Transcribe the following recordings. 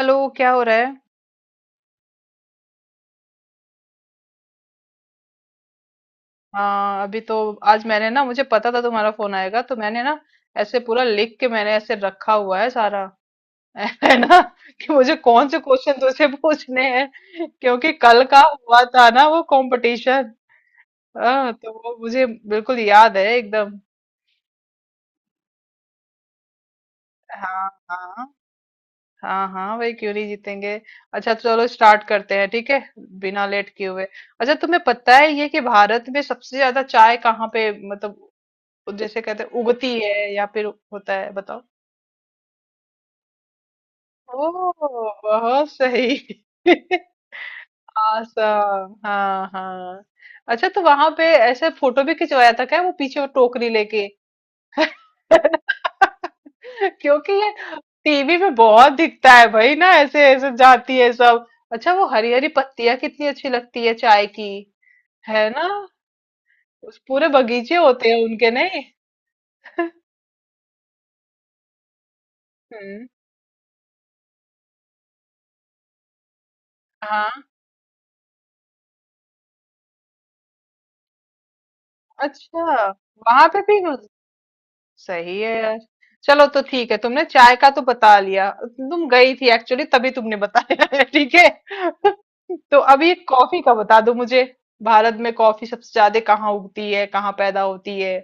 Hello, क्या हो रहा है? हाँ, अभी तो आज मैंने ना, मुझे पता था तुम्हारा फोन आएगा तो मैंने ना ऐसे पूरा लिख के मैंने ऐसे रखा हुआ है सारा। है ना कि मुझे कौन से क्वेश्चन तुझसे पूछने हैं, क्योंकि कल का हुआ था ना वो कंपटीशन। हाँ, तो वो मुझे बिल्कुल याद है एकदम। हाँ हाँ। हाँ हाँ भाई, क्यों नहीं जीतेंगे? अच्छा, चलो स्टार्ट करते हैं, ठीक है? बिना लेट किए हुए। अच्छा, तुम्हें पता है ये कि भारत में सबसे ज्यादा चाय कहाँ पे, मतलब वो जैसे कहते हैं उगती है, या फिर होता है? बताओ। ओ, बहुत सही। आसम, हाँ हाँ। अच्छा, तो वहां पे ऐसे फोटो भी खिंचवाया था क्या, वो पीछे वो टोकरी लेके? क्योंकि ये टीवी में बहुत दिखता है भाई ना, ऐसे ऐसे जाती है सब। अच्छा, वो हरी हरी पत्तियां कितनी अच्छी लगती है चाय की। है ना? उस पूरे बगीचे होते हैं उनके, नहीं? हम्म, हाँ। अच्छा, वहां पे भी? सही है यार। चलो तो ठीक है, तुमने चाय का तो बता लिया, तुम गई थी एक्चुअली तभी तुमने बताया। है ठीक है। तो अभी कॉफी का बता दो मुझे। भारत में कॉफी सबसे ज्यादा कहाँ उगती है, कहाँ पैदा होती है?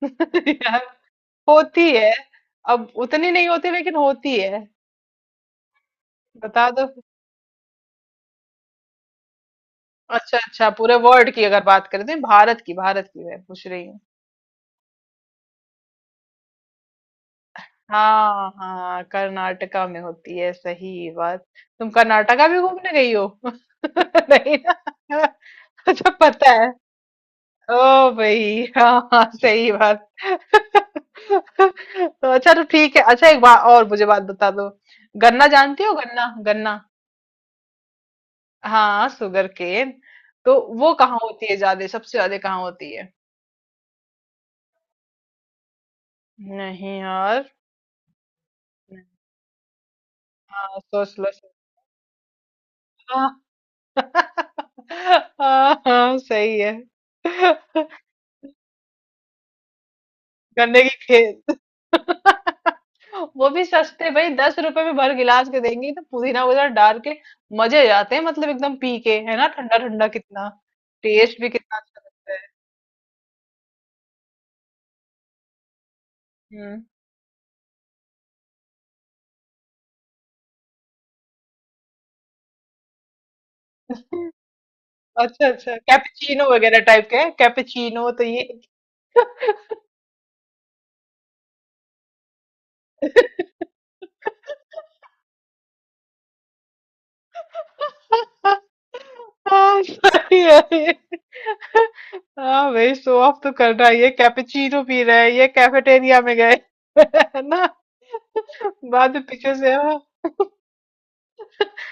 यार, होती है। अब उतनी नहीं होती, लेकिन होती है। बता दो। अच्छा अच्छा, पूरे वर्ल्ड की अगर बात करें तो? भारत की, भारत की मैं पूछ रही हूँ। हाँ हाँ, कर्नाटका में होती है, सही बात। तुम कर्नाटका भी घूमने गई हो? नहीं ना? अच्छा, पता है? ओ भाई, हाँ हाँ, सही बात। तो अच्छा, तो ठीक है। अच्छा, एक बात और मुझे बात बता दो। गन्ना, जानती हो? गन्ना गन्ना? हाँ, शुगर केन। तो वो कहाँ होती है ज्यादा, सबसे ज्यादा कहाँ होती है? नहीं यार। हाँ, सोच लो, सोच लो। हाँ हाँ, सही है। गन्ने की खेत। वो भी सस्ते भाई, 10 रुपए में भर गिलास के देंगे, तो पुदीना वगैरह डाल के मजे आ जाते हैं मतलब एकदम पी के, है ना? ठंडा ठंडा कितना, टेस्ट भी कितना अच्छा लगता है। हम्म। अच्छा अच्छा, कैपेचिनो वगैरह टाइप के? कैपेचिनो तो ये। हाँ, सही है ये। हाँ भाई, शो ऑफ तो कर रहा है, ये कैपेचिनो पी रहा है, ये कैफेटेरिया में गए। है ना? बाद में पीछे से हाँ।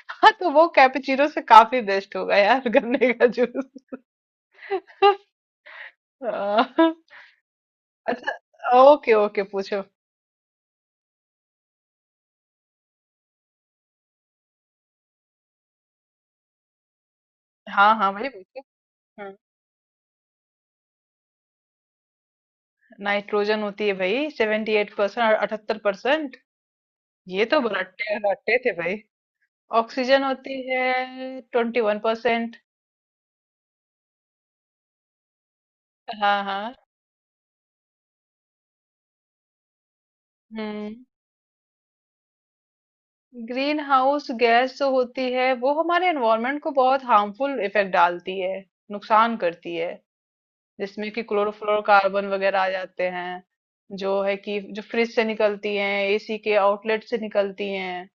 हाँ, तो वो कैपेचिनो से काफी बेस्ट होगा यार, गन्ने का जूस। हाँ। अच्छा, ओके ओके, पूछो। हाँ हाँ भाई, पूछो। हम्म, नाइट्रोजन होती है भाई, 78%। और 78%। ये तो रट्टे रट्टे थे भाई। ऑक्सीजन होती है, 21%। हाँ हाँ। हम्म ग्रीन हाउस गैस जो होती है वो हमारे एनवायरनमेंट को बहुत हार्मफुल इफेक्ट डालती है, नुकसान करती है। जिसमें कि क्लोरोफ्लोरोकार्बन वगैरह आ जाते हैं, जो है कि जो फ्रिज से निकलती हैं, एसी के आउटलेट से निकलती हैं।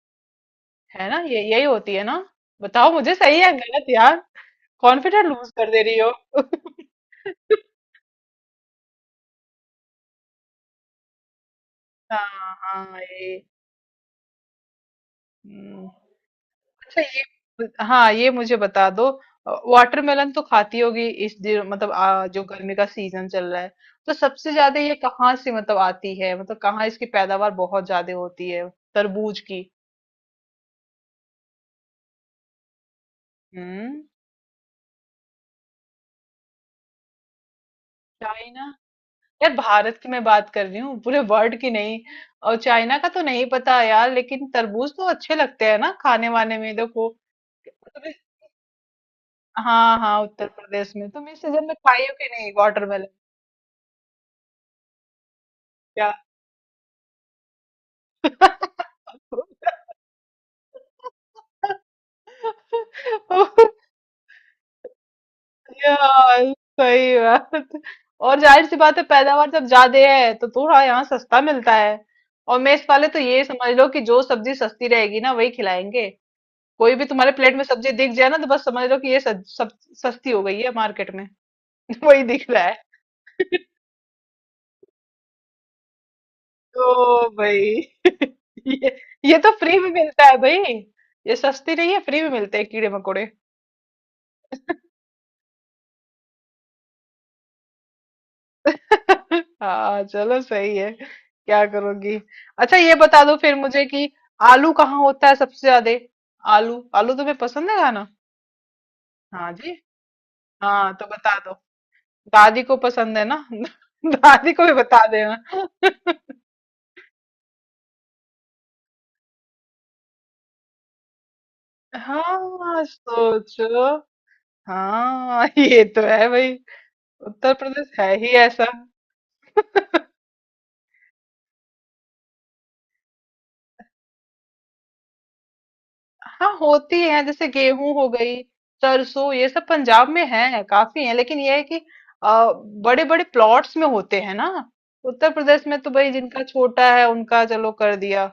है ना, ये यही होती है ना? बताओ मुझे, सही है गलत यार? कॉन्फिडेंट लूज कर दे रही हो। हाँ हाँ, ये। हम्म, अच्छा ये, हाँ, ये मुझे बता दो। वाटरमेलन तो खाती होगी इस दिन, मतलब जो गर्मी का सीजन चल रहा है, तो सबसे ज्यादा ये कहाँ से, मतलब आती है, मतलब कहाँ इसकी पैदावार बहुत ज्यादा होती है, तरबूज की? हम्म चाइना? यार, भारत की मैं बात कर रही हूँ, पूरे वर्ल्ड की नहीं। और चाइना का तो नहीं पता यार, लेकिन तरबूज तो अच्छे लगते हैं ना खाने वाने में, देखो तुम्हें- हाँ हाँ, उत्तर प्रदेश में तुम इस सीजन में खाई हो कि नहीं, वाटरमेलन? क्या? यार सही बात। और जाहिर सी बात है पैदावार जब ज्यादा है तो थोड़ा यहाँ सस्ता मिलता है। और मेस वाले तो ये समझ लो कि जो सब्जी सस्ती रहेगी ना वही खिलाएंगे। कोई भी तुम्हारे प्लेट में सब्जी दिख जाए ना तो बस समझ लो कि ये सब सस्ती हो गई है मार्केट में। वही दिख रहा है। ओ भाई। ये ये तो फ्री में मिलता है भाई। ये सस्ती नहीं है, फ्री में मिलते हैं कीड़े मकोड़े। हाँ, चलो सही है, क्या करोगी? अच्छा, ये बता दो फिर मुझे कि आलू कहाँ होता है सबसे ज्यादा? आलू, आलू तुम्हें पसंद है खाना? हाँ जी। हाँ तो बता दो। दादी को पसंद है ना? दादी को भी बता देना। हाँ, सोचो। हाँ। ये तो है भाई, उत्तर प्रदेश है ही ऐसा। हाँ होती है, जैसे गेहूं हो गई, सरसों, ये सब पंजाब में है, काफी है। लेकिन ये है कि बड़े बड़े प्लॉट्स में होते हैं ना। उत्तर प्रदेश में तो भाई जिनका छोटा है उनका चलो कर दिया,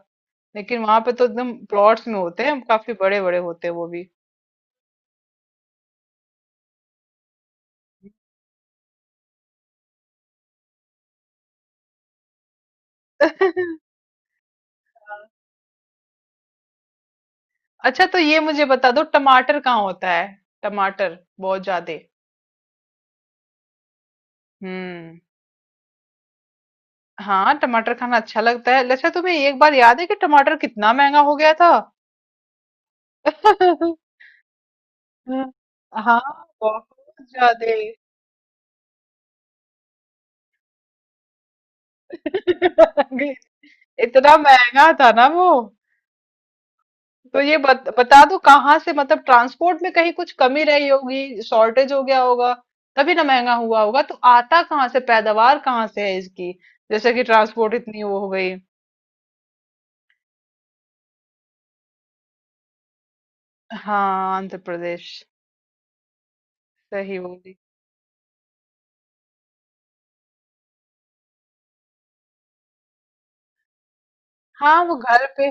लेकिन वहां पे तो एकदम प्लॉट्स में होते हैं, काफी बड़े बड़े होते हैं वो भी। अच्छा, तो ये मुझे बता दो, टमाटर कहाँ होता है, टमाटर बहुत ज्यादा? हम्म। हाँ, टमाटर खाना अच्छा लगता है। अच्छा, तुम्हें एक बार याद है कि टमाटर कितना महंगा हो गया था? हाँ, हाँ, बहुत ज्यादे। इतना महंगा था ना वो। तो ये बता दो कहाँ से, मतलब ट्रांसपोर्ट में कहीं कुछ कमी रही होगी, शॉर्टेज हो गया होगा, तभी ना महंगा हुआ होगा। तो आता कहाँ से, पैदावार कहाँ से है इसकी? जैसे कि ट्रांसपोर्ट इतनी वो हो गई। हाँ, आंध्र प्रदेश। सही बोली। हाँ, वो घर पे।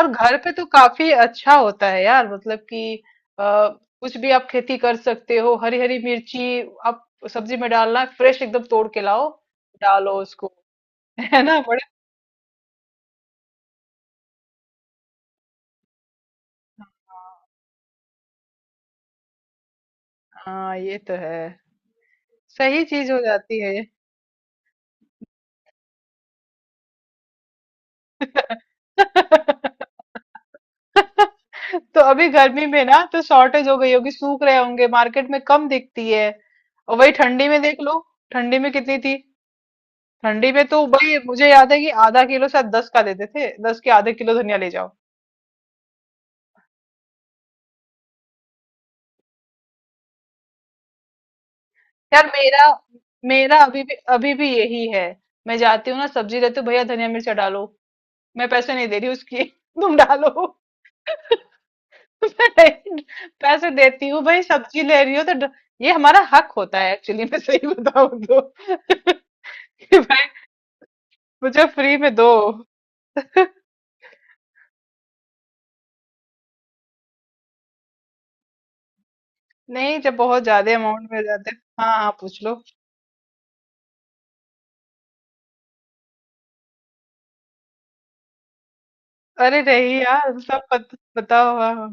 और घर पे तो काफी अच्छा होता है यार, मतलब कि आ, कुछ भी आप खेती कर सकते हो, हरी हरी मिर्ची। आप सब्जी में डालना है, फ्रेश एकदम तोड़ के लाओ, डालो उसको। है ना बड़े? हाँ, ये तो है, सही चीज हो जाती है। तो अभी गर्मी में ना तो शॉर्टेज हो गई होगी, सूख रहे होंगे, मार्केट में कम दिखती है। और वही ठंडी में देख लो, ठंडी में कितनी थी। ठंडी में तो भाई मुझे याद है कि आधा किलो शायद 10 का देते थे, 10 के आधे किलो धनिया ले जाओ। यार मेरा मेरा अभी भी, अभी भी यही है। मैं जाती हूँ ना सब्जी लेती हूँ, भैया धनिया मिर्चा डालो। मैं पैसे नहीं दे रही उसकी। तुम डालो। मैं पैसे देती हूँ भाई, सब्जी ले रही हो तो ये हमारा हक होता है एक्चुअली, मैं सही बताऊँ तो। कि भाई मुझे फ्री में दो। नहीं, जब बहुत ज्यादा अमाउंट में जाते। हाँ हाँ, पूछ लो। अरे नहीं यार, सब बताओ। हाँ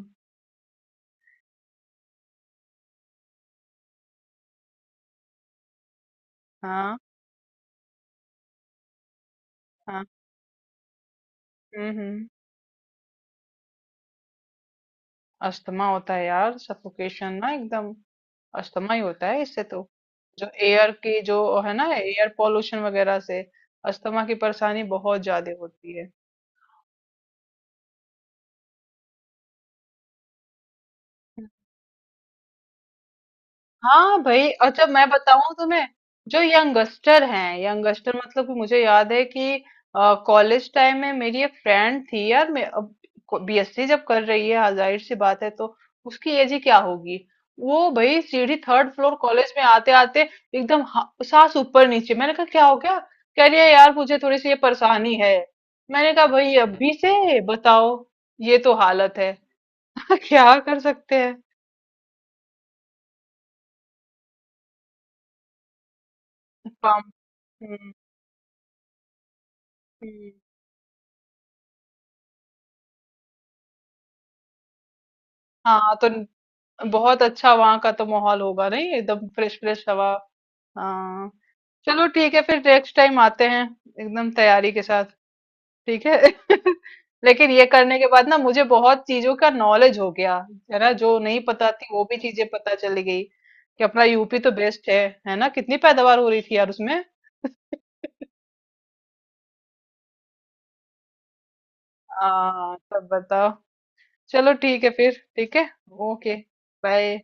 हाँ हाँ। हम्म अस्थमा होता है यार, सफोकेशन ना एकदम, अस्थमा ही होता है इससे तो। जो एयर की जो, है ना, एयर पोल्यूशन वगैरह से अस्थमा की परेशानी बहुत ज्यादा होती है। हाँ भाई, अच्छा मैं बताऊं तुम्हें। जो यंगस्टर हैं, यंगस्टर मतलब, कि मुझे याद है कि कॉलेज टाइम में मेरी एक फ्रेंड थी यार, मैं अब बीएससी जब कर रही है, हाँ, जाहिर सी बात है तो उसकी एज ही क्या होगी। वो भाई सीढ़ी, थर्ड फ्लोर कॉलेज में आते आते एकदम सांस ऊपर नीचे। मैंने कहा क्या हो गया, कह रही है यार मुझे थोड़ी सी ये परेशानी है। मैंने कहा भाई अभी से बताओ, ये तो हालत है। क्या कर सकते हैं? काम। हम्म। हम्म। हाँ, तो बहुत अच्छा वहां का तो माहौल होगा नहीं, एकदम फ्रेश फ्रेश हवा। हाँ। चलो ठीक है फिर, नेक्स्ट टाइम आते हैं एकदम तैयारी के साथ, ठीक है? लेकिन ये करने के बाद ना मुझे बहुत चीजों का नॉलेज हो गया, है ना? जो नहीं पता थी वो भी चीजें पता चली गई कि अपना यूपी तो बेस्ट है। है ना? कितनी पैदावार हो रही थी यार उसमें। हाँ, सब बताओ। चलो ठीक है फिर, ठीक है। ओके। बाय।